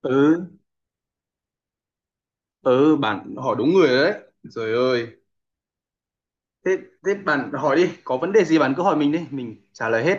ừ ừ, bạn hỏi đúng người rồi đấy. Trời ơi. Thế thế bạn hỏi đi, có vấn đề gì bạn cứ hỏi mình đi, mình trả lời hết.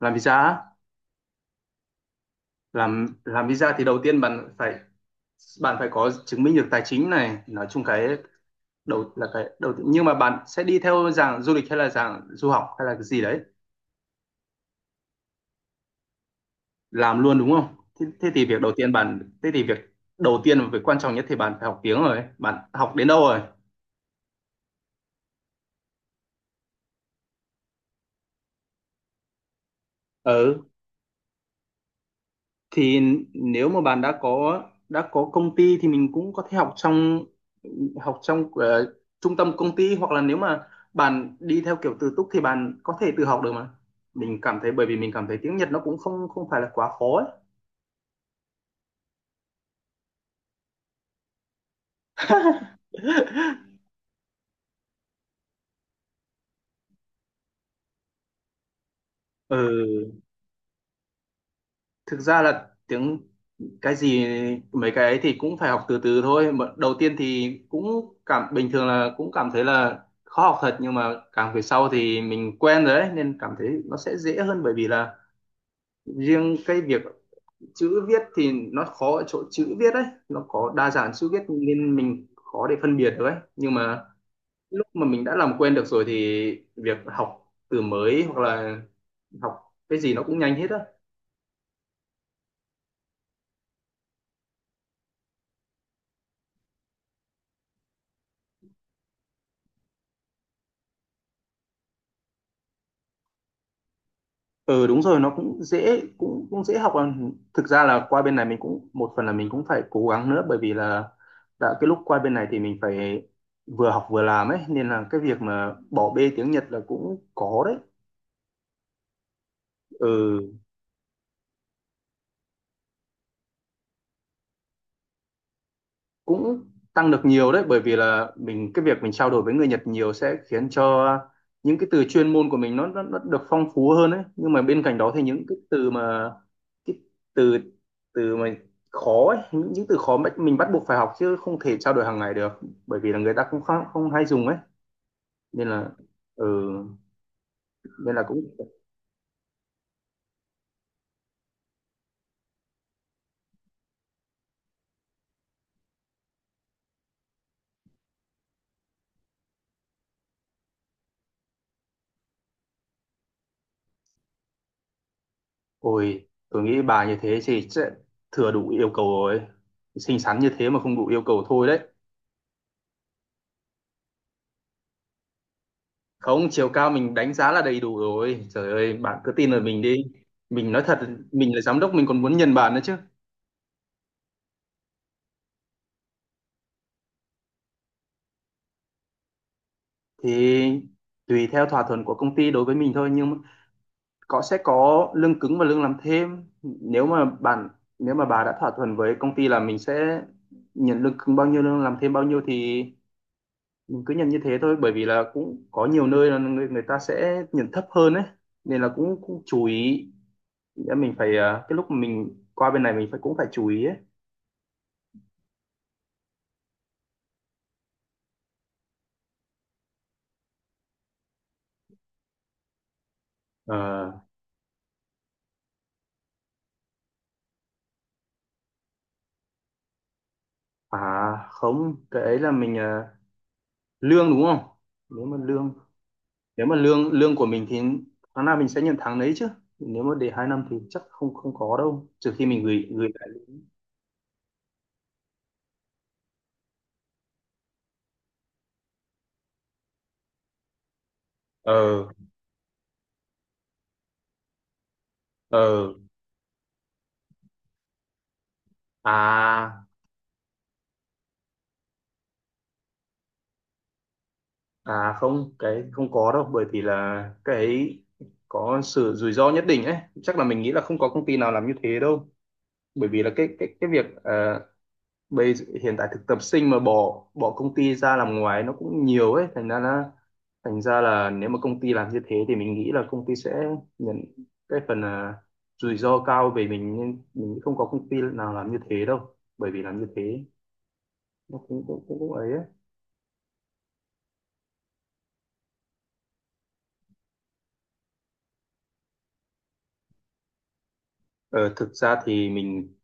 Làm visa á? Làm visa thì đầu tiên bạn phải có chứng minh được tài chính này, nói chung cái đầu là cái đầu tiên. Nhưng mà bạn sẽ đi theo dạng du lịch hay là dạng du học hay là cái gì đấy? Làm luôn đúng không? Thế thì việc đầu tiên bạn thế thì việc đầu tiên và việc quan trọng nhất thì bạn phải học tiếng. Rồi bạn học đến đâu rồi? Ừ, thì nếu mà bạn đã có công ty thì mình cũng có thể học trong ờ, trung tâm công ty, hoặc là nếu mà bạn đi theo kiểu tự túc thì bạn có thể tự học được mà. Mình cảm thấy Bởi vì mình cảm thấy tiếng Nhật nó cũng không không phải là quá khó ấy. Ừ, thực ra là tiếng cái gì mấy cái ấy thì cũng phải học từ từ thôi. Mà đầu tiên thì cũng cảm bình thường là cũng cảm thấy là khó học thật, nhưng mà càng về sau thì mình quen rồi ấy nên cảm thấy nó sẽ dễ hơn. Bởi vì là riêng cái việc chữ viết thì nó khó ở chỗ chữ viết ấy, nó có đa dạng chữ viết nên mình khó để phân biệt được ấy. Nhưng mà lúc mà mình đã làm quen được rồi thì việc học từ mới hoặc là học cái gì nó cũng nhanh hết á. Ừ, đúng rồi, nó cũng dễ học à. Thực ra là qua bên này mình cũng một phần là mình cũng phải cố gắng nữa, bởi vì là cái lúc qua bên này thì mình phải vừa học vừa làm ấy, nên là cái việc mà bỏ bê tiếng Nhật là cũng có đấy. Ừ, cũng tăng được nhiều đấy, bởi vì là cái việc mình trao đổi với người Nhật nhiều sẽ khiến cho những cái từ chuyên môn của mình nó được phong phú hơn đấy. Nhưng mà bên cạnh đó thì những cái từ mà cái từ từ mà khó ấy, những từ khó mà mình bắt buộc phải học chứ không thể trao đổi hàng ngày được, bởi vì là người ta cũng không hay dùng ấy nên là. ừ, Nên là cũng. Ôi, tôi nghĩ bà như thế thì sẽ thừa đủ yêu cầu rồi, xinh xắn như thế mà không đủ yêu cầu thôi đấy. Không, chiều cao mình đánh giá là đầy đủ rồi. Trời ơi, bạn cứ tin lời mình đi, mình nói thật. Mình là giám đốc, mình còn muốn nhận bạn nữa chứ. Thì tùy theo thỏa thuận của công ty đối với mình thôi, nhưng mà sẽ có lương cứng và lương làm thêm. Nếu mà bà đã thỏa thuận với công ty là mình sẽ nhận lương cứng bao nhiêu, lương làm thêm bao nhiêu thì mình cứ nhận như thế thôi, bởi vì là cũng có nhiều nơi là người người ta sẽ nhận thấp hơn ấy, nên là cũng cũng chú ý. Nghĩa cái lúc mà mình qua bên này mình cũng phải chú ý ấy. Ờ. À không, cái ấy là lương đúng không? Nếu mà lương Nếu mà lương lương của mình thì tháng nào mình sẽ nhận tháng đấy chứ. Nếu mà để 2 năm thì chắc không không có đâu, trừ khi mình gửi gửi lại. Ờ ờ À, à không, cái không có đâu, bởi vì là cái ấy có sự rủi ro nhất định ấy. Chắc là mình nghĩ là không có công ty nào làm như thế đâu. Bởi vì là cái bây hiện tại thực tập sinh mà bỏ bỏ công ty ra làm ngoài nó cũng nhiều ấy, thành ra là nếu mà công ty làm như thế thì mình nghĩ là công ty sẽ nhận cái phần à, rủi ro cao về mình. Nhưng mình nghĩ không có công ty nào làm như thế đâu, bởi vì làm như thế nó cũng ấy, ấy. Ờ, thực ra thì mình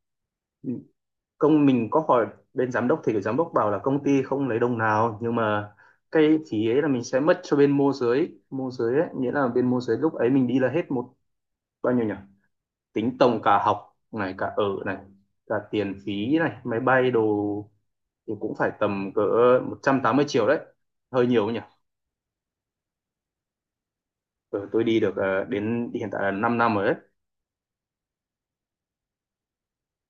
công mình có hỏi bên giám đốc, thì cái giám đốc bảo là công ty không lấy đồng nào, nhưng mà cái phí ấy là mình sẽ mất cho bên môi giới ấy. Nghĩa là bên môi giới lúc ấy mình đi là hết bao nhiêu nhỉ? Tính tổng cả học này, cả ở này, cả tiền phí này, máy bay đồ thì cũng phải tầm cỡ 180 triệu đấy. Hơi nhiều nhỉ. Ừ, tôi đi được đến hiện tại là 5 năm rồi đấy.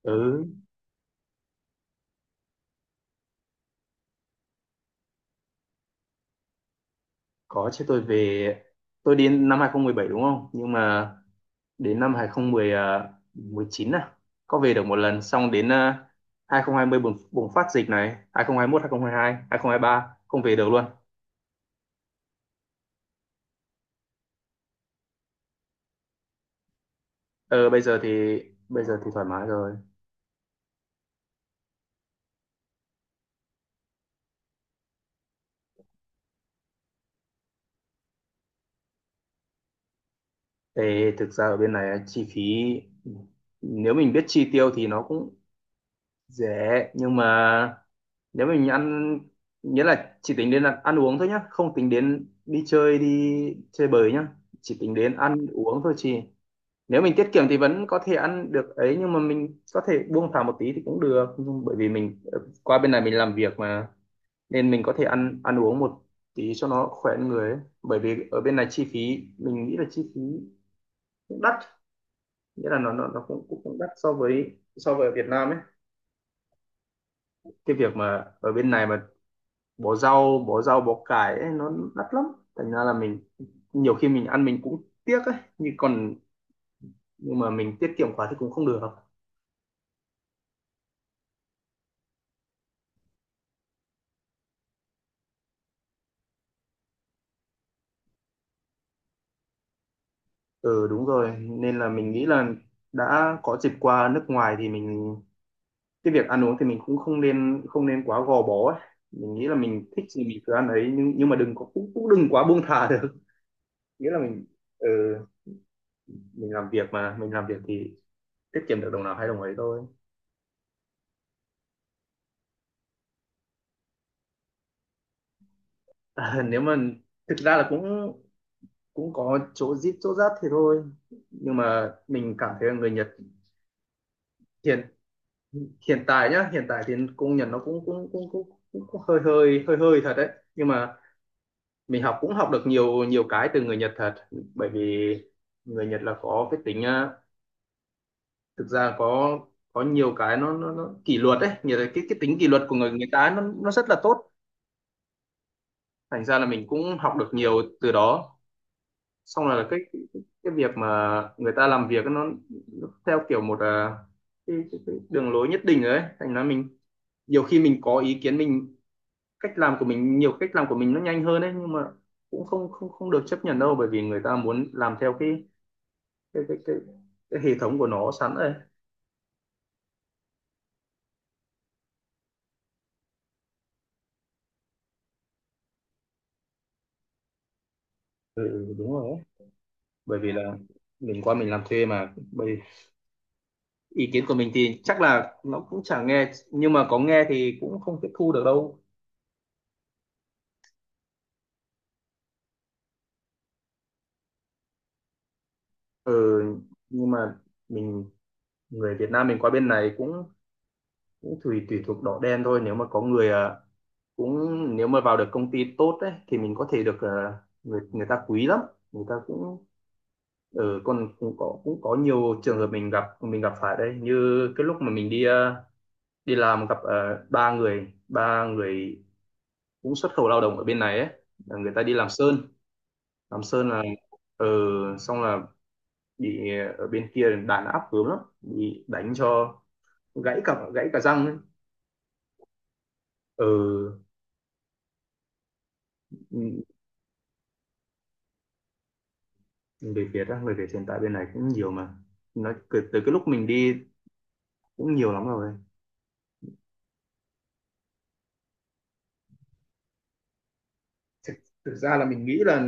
Ừ, có chứ, tôi về. Tôi đến năm 2017, đúng không? Nhưng mà đến năm hai không 2019 à, có về được một lần, xong đến 2020 bùng phát dịch này, hai không hai 2022, 2023 không hai hai, hai không hai ba không về được luôn. Ờ, bây giờ thì thoải mái rồi. Ê, thực ra ở bên này chi phí, ừ, nếu mình biết chi tiêu thì nó cũng rẻ, nhưng mà nếu mình ăn nghĩa là chỉ tính đến là ăn uống thôi nhá, không tính đến đi chơi bời nhá, chỉ tính đến ăn uống thôi chị. Nếu mình tiết kiệm thì vẫn có thể ăn được ấy, nhưng mà mình có thể buông thả một tí thì cũng được. Nhưng bởi vì qua bên này mình làm việc mà, nên mình có thể ăn ăn uống một tí cho nó khỏe người ấy. Bởi vì ở bên này chi phí, mình nghĩ là chi phí cũng đắt, nghĩa là nó cũng cũng cũng đắt so với ở Việt Nam ấy. Cái việc mà ở bên này mà bỏ rau bỏ cải ấy, nó đắt lắm, thành ra là nhiều khi mình ăn mình cũng tiếc ấy, nhưng mà mình tiết kiệm quá thì cũng không được. Ừ, đúng rồi, nên là mình nghĩ là đã có dịp qua nước ngoài thì cái việc ăn uống thì mình cũng không nên quá gò bó ấy. Mình nghĩ là mình thích gì mình cứ ăn ấy, nhưng mà đừng có cũng, cũng đừng quá buông thả được. Nghĩa là ừ, mình làm việc thì tiết kiệm được đồng nào hay đồng ấy thôi. À, nếu mà thực ra là cũng cũng có chỗ zip chỗ rách thì thôi. Nhưng mà mình cảm thấy là người Nhật, hiện hiện tại nhá, hiện tại thì công nhận nó cũng hơi hơi thật đấy. Nhưng mà mình học cũng học được nhiều nhiều cái từ người Nhật thật, bởi vì người Nhật là có thực ra có nhiều cái nó kỷ luật đấy. Nhiều cái tính kỷ luật của người người ta nó rất là tốt, thành ra là mình cũng học được nhiều từ đó. Xong là cái việc mà người ta làm việc nó theo kiểu một à, cái đường lối nhất định rồi ấy, thành ra nhiều khi mình có ý kiến, cách làm của mình nhiều cách làm của mình nó nhanh hơn đấy, nhưng mà cũng không không không được chấp nhận đâu, bởi vì người ta muốn làm theo cái cái cái, cái hệ thống của nó sẵn rồi. Ừ, đúng rồi ấy. Bởi vì là mình làm thuê mà, bởi ý kiến của mình thì chắc là nó cũng chẳng nghe, nhưng mà có nghe thì cũng không tiếp thu được đâu. Ừ, nhưng mà mình người Việt Nam mình qua bên này cũng cũng tùy tùy thuộc đỏ đen thôi. Nếu mà có người ờ, cũng Nếu mà vào được công ty tốt ấy thì mình có thể được, người người ta quý lắm. Người ta cũng ở ừ, Còn cũng có nhiều trường hợp mình gặp phải đây, như cái lúc mà mình đi làm gặp ba người cũng xuất khẩu lao động ở bên này ấy, là người ta đi làm sơn là, ờ, xong là bị ở bên kia đàn áp gớm lắm, bị đánh cho gãy cả răng ấy. Ừ, người Việt á? Người Việt hiện tại bên này cũng nhiều mà, nói từ cái lúc mình đi cũng nhiều lắm rồi. Thực ra là mình nghĩ là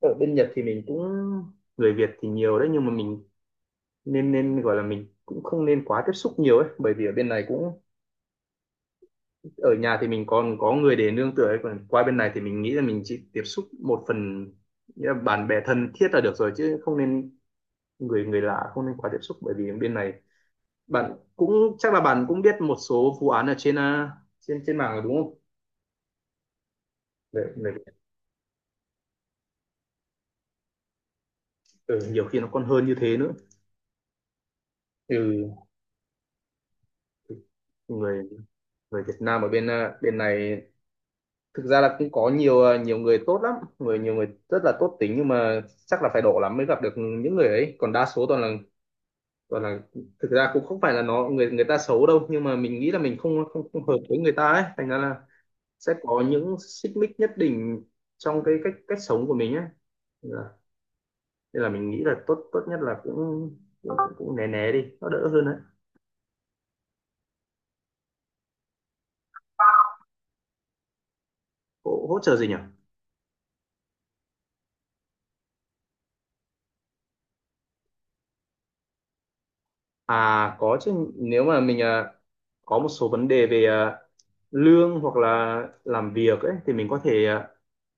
ở bên Nhật thì mình cũng, người Việt thì nhiều đấy, nhưng mà mình nên nên gọi là mình cũng không nên quá tiếp xúc nhiều ấy, bởi vì ở bên này cũng, ở nhà thì mình còn có người để nương tựa ấy, còn qua bên này thì mình nghĩ là mình chỉ tiếp xúc một phần, nghĩa là bạn bè thân thiết là được rồi, chứ không nên người người lạ, không nên quá tiếp xúc. Bởi vì bên này bạn cũng chắc là bạn cũng biết một số vụ án ở trên trên trên mạng rồi đúng không? Đấy, người Việt- ừ, nhiều khi nó còn hơn như thế nữa. Ừ, người người Việt Nam ở bên bên này, thực ra là cũng có nhiều nhiều người tốt lắm, người nhiều người rất là tốt tính, nhưng mà chắc là phải độ lắm mới gặp được những người ấy, còn đa số toàn là toàn là, thực ra cũng không phải là nó người người ta xấu đâu, nhưng mà mình nghĩ là mình không không, không hợp với người ta ấy, thành ra là sẽ có những xích mích nhất định trong cái cách cách sống của mình ấy, nên là, nên là mình nghĩ là tốt tốt nhất là cũng cũng né né đi, nó đỡ hơn đấy. Hỗ trợ gì nhỉ? À, có chứ, nếu mà mình có một số vấn đề về lương hoặc là làm việc ấy thì mình có thể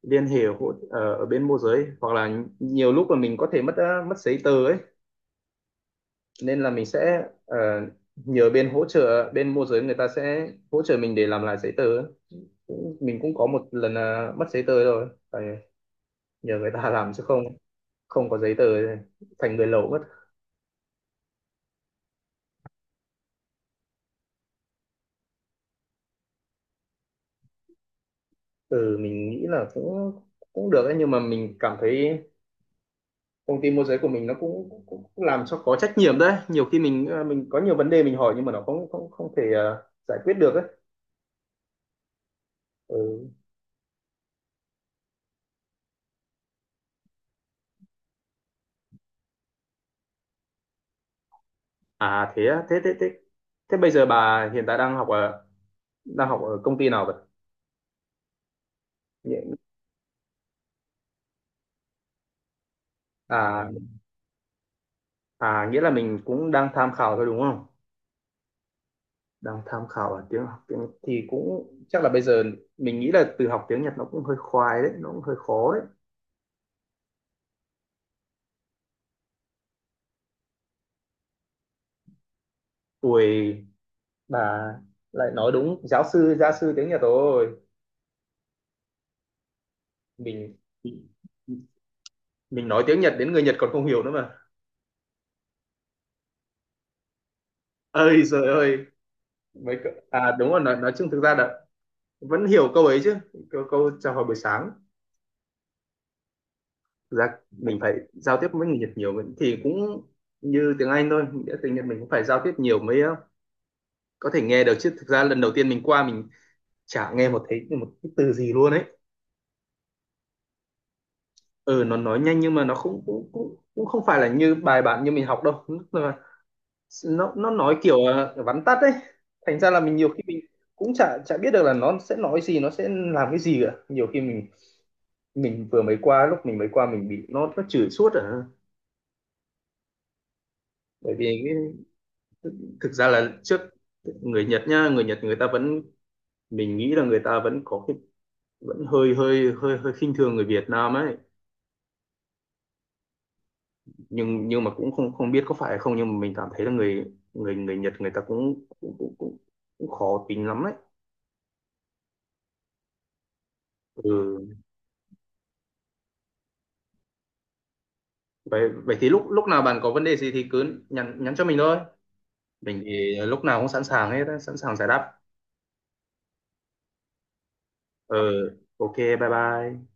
liên hệ hộ, ở bên môi giới, hoặc là nhiều lúc là mình có thể mất mất giấy tờ ấy, nên là mình sẽ nhờ bên hỗ trợ, bên môi giới người ta sẽ hỗ trợ mình để làm lại giấy tờ ấy. Cũng- Mình cũng có một lần mất giấy tờ rồi phải nhờ người ta làm, chứ không, không có giấy tờ thì thành người lậu mất. Ừ, mình nghĩ là cũng cũng được ấy, nhưng mà mình cảm thấy công ty môi giới của mình nó cũng cũng, cũng làm cho có trách nhiệm đấy, nhiều khi mình mình có nhiều vấn đề mình hỏi nhưng mà nó không không không thể giải quyết được ấy. Ừ. À thế á? Thế thế bây giờ bà hiện tại đang học ở, đang học ở công ty nào vậy? Nghĩa- À, à nghĩa là mình cũng đang tham khảo thôi đúng không? Đang tham khảo ở tiếng, học tiếng thì cũng chắc là bây giờ mình nghĩ là từ học tiếng Nhật nó cũng hơi khoai đấy, nó cũng hơi khó đấy. Tuổi bà lại nói đúng giáo sư, gia sư tiếng Nhật rồi. mình mình nói tiếng Nhật đến người Nhật còn không hiểu nữa mà. Ơi trời ơi, mấy cậu- à đúng rồi, nói chung thực ra là vẫn hiểu câu ấy chứ, câu chào hỏi buổi sáng. Thực ra mình phải giao tiếp với người Nhật nhiều mình- thì cũng như tiếng Anh thôi, nghĩa tiếng Nhật mình cũng phải giao tiếp nhiều mới có thể nghe được, chứ thực ra lần đầu tiên mình qua mình chả nghe một, thấy một cái từ gì luôn ấy. Ừ, nó nói nhanh, nhưng mà nó không cũng cũng cũng không phải là như bài bản như mình học đâu, nó nói kiểu vắn tắt ấy, thành ra là mình nhiều khi mình cũng chả chả biết được là nó sẽ nói gì, nó sẽ làm cái gì cả. Nhiều khi mình vừa mới qua, lúc mình mới qua mình bị nó chửi suốt à, bởi vì cái, thực ra là trước người Nhật nhá, người Nhật người ta vẫn, mình nghĩ là người ta vẫn có cái, vẫn hơi hơi khinh thường người Việt Nam ấy. Nhưng mà cũng không, không biết có phải hay không, nhưng mà mình cảm thấy là người người người Nhật người ta cũng khó tính lắm ấy. Ừ. vậy vậy thì lúc lúc nào bạn có vấn đề gì thì cứ nhắn, nhắn cho mình thôi. Mình thì lúc nào cũng sẵn sàng hết á, sẵn sàng giải đáp. Ờ, ok, bye bye.